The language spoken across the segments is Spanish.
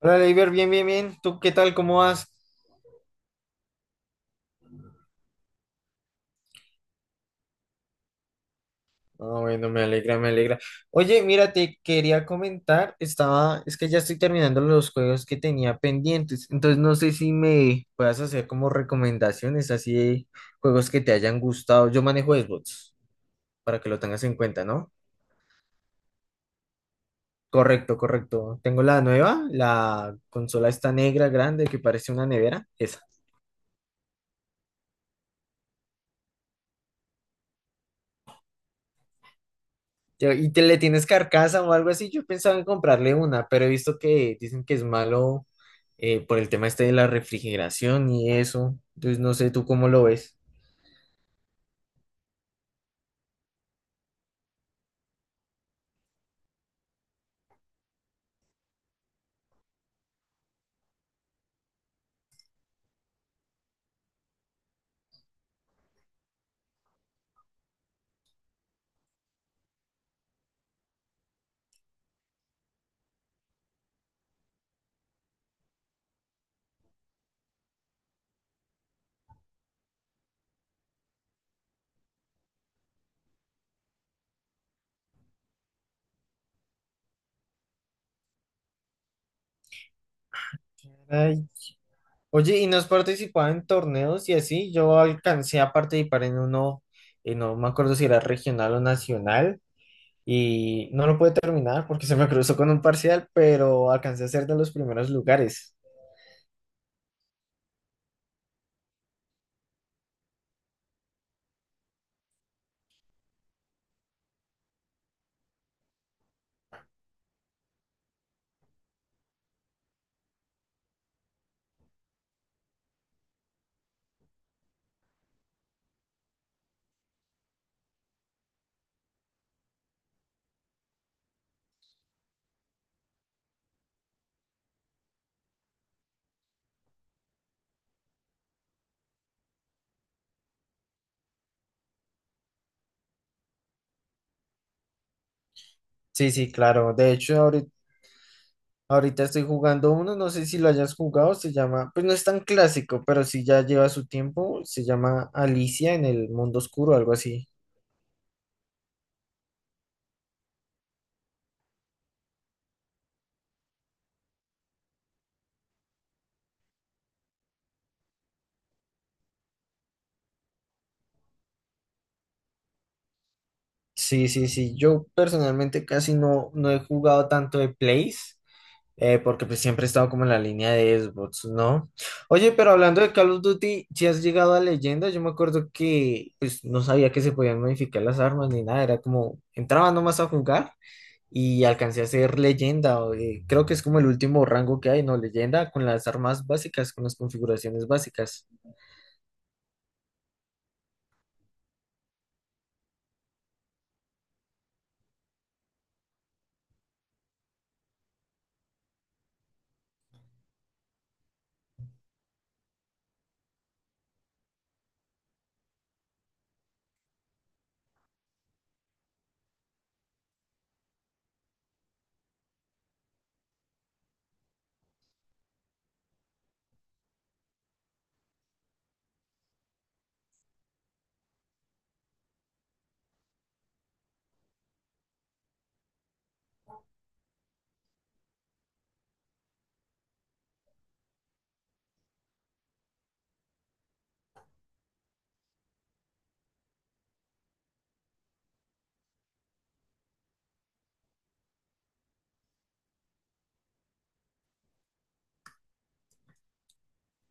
Hola, Leiber, bien, bien, bien. ¿Tú qué tal? ¿Cómo vas? Ah, bueno, me alegra, me alegra. Oye, mira, te quería comentar, estaba, es que ya estoy terminando los juegos que tenía pendientes, entonces no sé si me puedas hacer como recomendaciones así de juegos que te hayan gustado. Yo manejo Xbox, para que lo tengas en cuenta, ¿no? Correcto, correcto. Tengo la nueva, la consola esta negra grande que parece una nevera, esa. ¿Y te le tienes carcasa o algo así? Yo pensaba en comprarle una, pero he visto que dicen que es malo por el tema este de la refrigeración y eso. Entonces no sé tú cómo lo ves. Ay. Oye, ¿y no has participado en torneos y así? Yo alcancé a participar en uno, no me acuerdo si era regional o nacional, y no lo pude terminar porque se me cruzó con un parcial, pero alcancé a ser de los primeros lugares. Sí, sí, claro. De hecho, ahorita Ahorita estoy jugando uno, no sé si lo hayas jugado, se llama, pues no es tan clásico, pero sí ya lleva su tiempo, se llama Alicia en el mundo oscuro, algo así. Sí, sí, sí, yo personalmente casi no, no he jugado tanto de Plays, porque pues siempre he estado como en la línea de Xbox, ¿no? Oye, pero hablando de Call of Duty, si has llegado a Leyenda, yo me acuerdo que pues no sabía que se podían modificar las armas ni nada, era como, entraba nomás a jugar y alcancé a ser leyenda. O, creo que es como el último rango que hay, ¿no? Leyenda con las armas básicas, con las configuraciones básicas.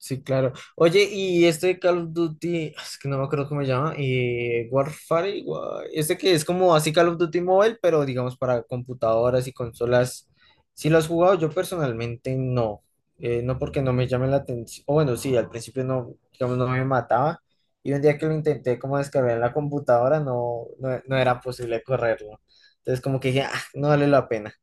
Sí, claro. Oye, y este Call of Duty, ah, es que no me acuerdo cómo se llama, Warfare, este que es como así Call of Duty Mobile, pero digamos para computadoras y consolas, ¿si lo has jugado? Yo personalmente no. No porque no me llame la atención, o bueno, sí, al principio no, digamos, no me mataba, y un día que lo intenté como descargar en la computadora, no, no, no era posible correrlo, entonces como que dije, ah, no vale la pena.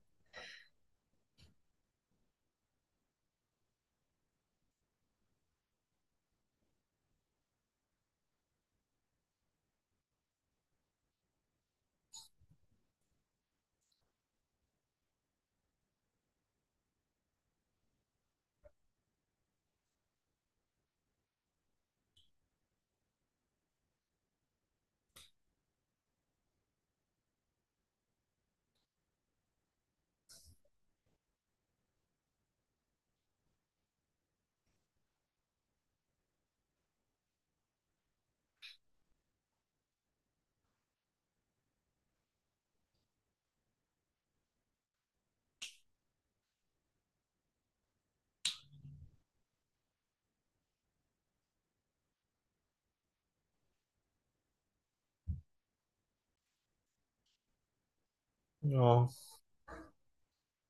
No.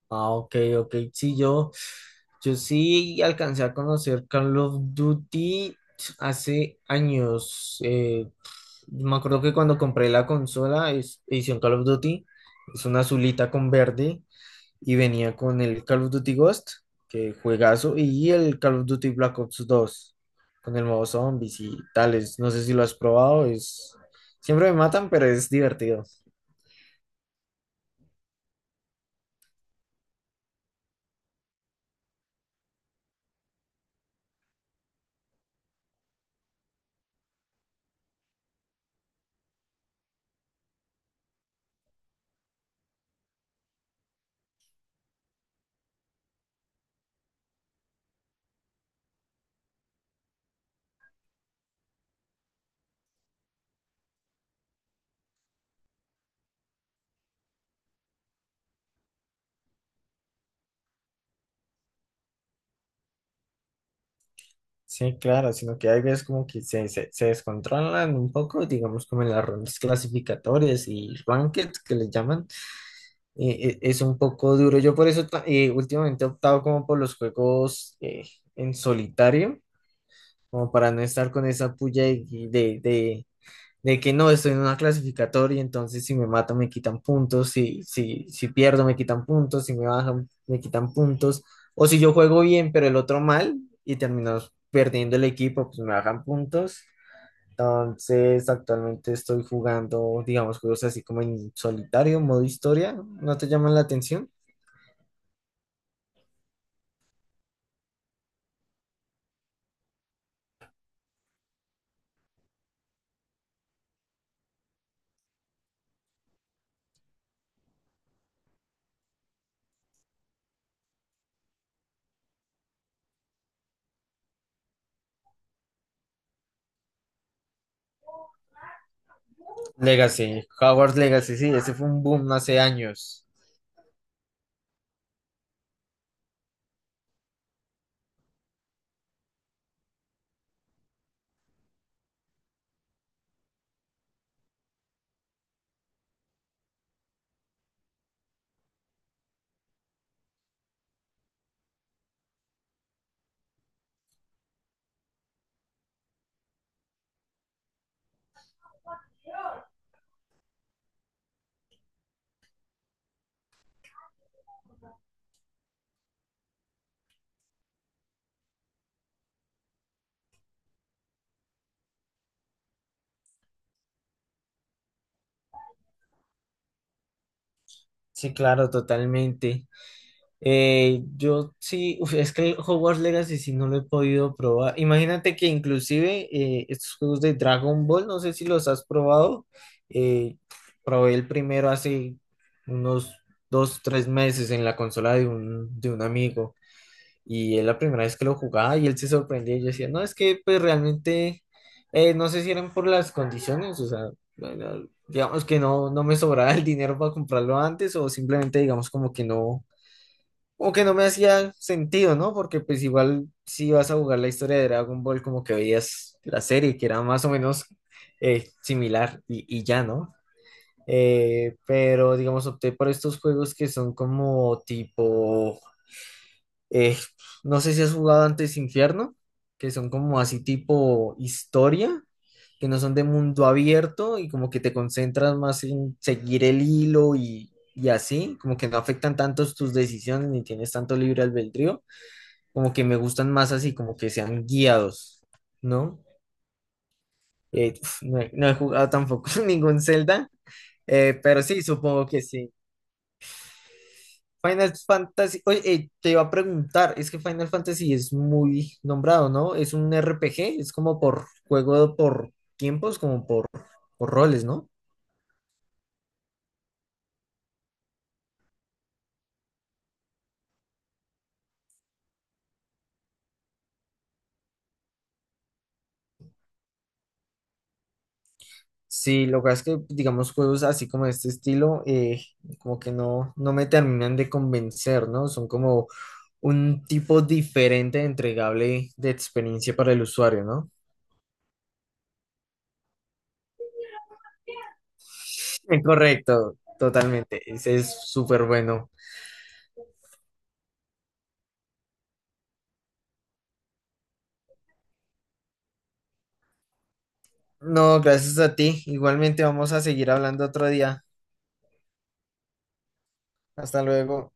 Ah, ok, ok. Sí, yo sí alcancé a conocer Call of Duty hace años. Me acuerdo que cuando compré la consola, edición Call of Duty, es una azulita con verde y venía con el Call of Duty Ghost, que juegazo, y el Call of Duty Black Ops 2, con el modo zombies y tales. No sé si lo has probado, es... Siempre me matan, pero es divertido. Sí, claro, sino que hay veces como que se descontrolan un poco, digamos como en las rondas clasificatorias y rankings que le llaman, es un poco duro. Yo por eso últimamente he optado como por los juegos en solitario, como para no estar con esa puya de, de, de que no estoy en una clasificatoria, entonces si me matan me quitan puntos, si pierdo me quitan puntos, si me bajan me quitan puntos, o si yo juego bien pero el otro mal y termino perdiendo el equipo, pues me bajan puntos. Entonces actualmente estoy jugando, digamos, juegos así como en solitario, modo historia, ¿no te llaman la atención? Legacy, Hogwarts Legacy, sí, ese fue un boom hace años. Sí, claro, totalmente. Yo sí, uf, es que el Hogwarts Legacy sí no lo he podido probar. Imagínate que inclusive estos juegos de Dragon Ball, no sé si los has probado. eh, Probé el primero hace unos dos, tres meses en la consola de de un amigo y es la primera vez que lo jugaba y él se sorprendía y yo decía, no, es que pues realmente no sé si eran por las condiciones, o sea, bueno, digamos que no, no me sobraba el dinero para comprarlo antes o simplemente digamos como que no. Como que no me hacía sentido, ¿no? Porque pues igual si vas a jugar la historia de Dragon Ball, como que veías la serie, que era más o menos similar y ya, ¿no? Pero digamos, opté por estos juegos que son como tipo eh, no sé si has jugado antes Infierno, que son como así tipo historia, que no son de mundo abierto y como que te concentras más en seguir el hilo y así, como que no afectan tantos tus decisiones ni tienes tanto libre albedrío, como que me gustan más así, como que sean guiados, ¿no? Uf, no he jugado tampoco ningún Zelda, pero sí, supongo que sí. Final Fantasy, oye, te iba a preguntar, es que Final Fantasy es muy nombrado, ¿no? Es un RPG, es como por juego por tiempos, como por roles, ¿no? Sí, lo que pasa es que, digamos, juegos así como de este estilo, como que no, no me terminan de convencer, ¿no? Son como un tipo diferente de entregable de experiencia para el usuario, ¿no? Correcto, totalmente. Ese es súper bueno. No, gracias a ti. Igualmente vamos a seguir hablando otro día. Hasta luego.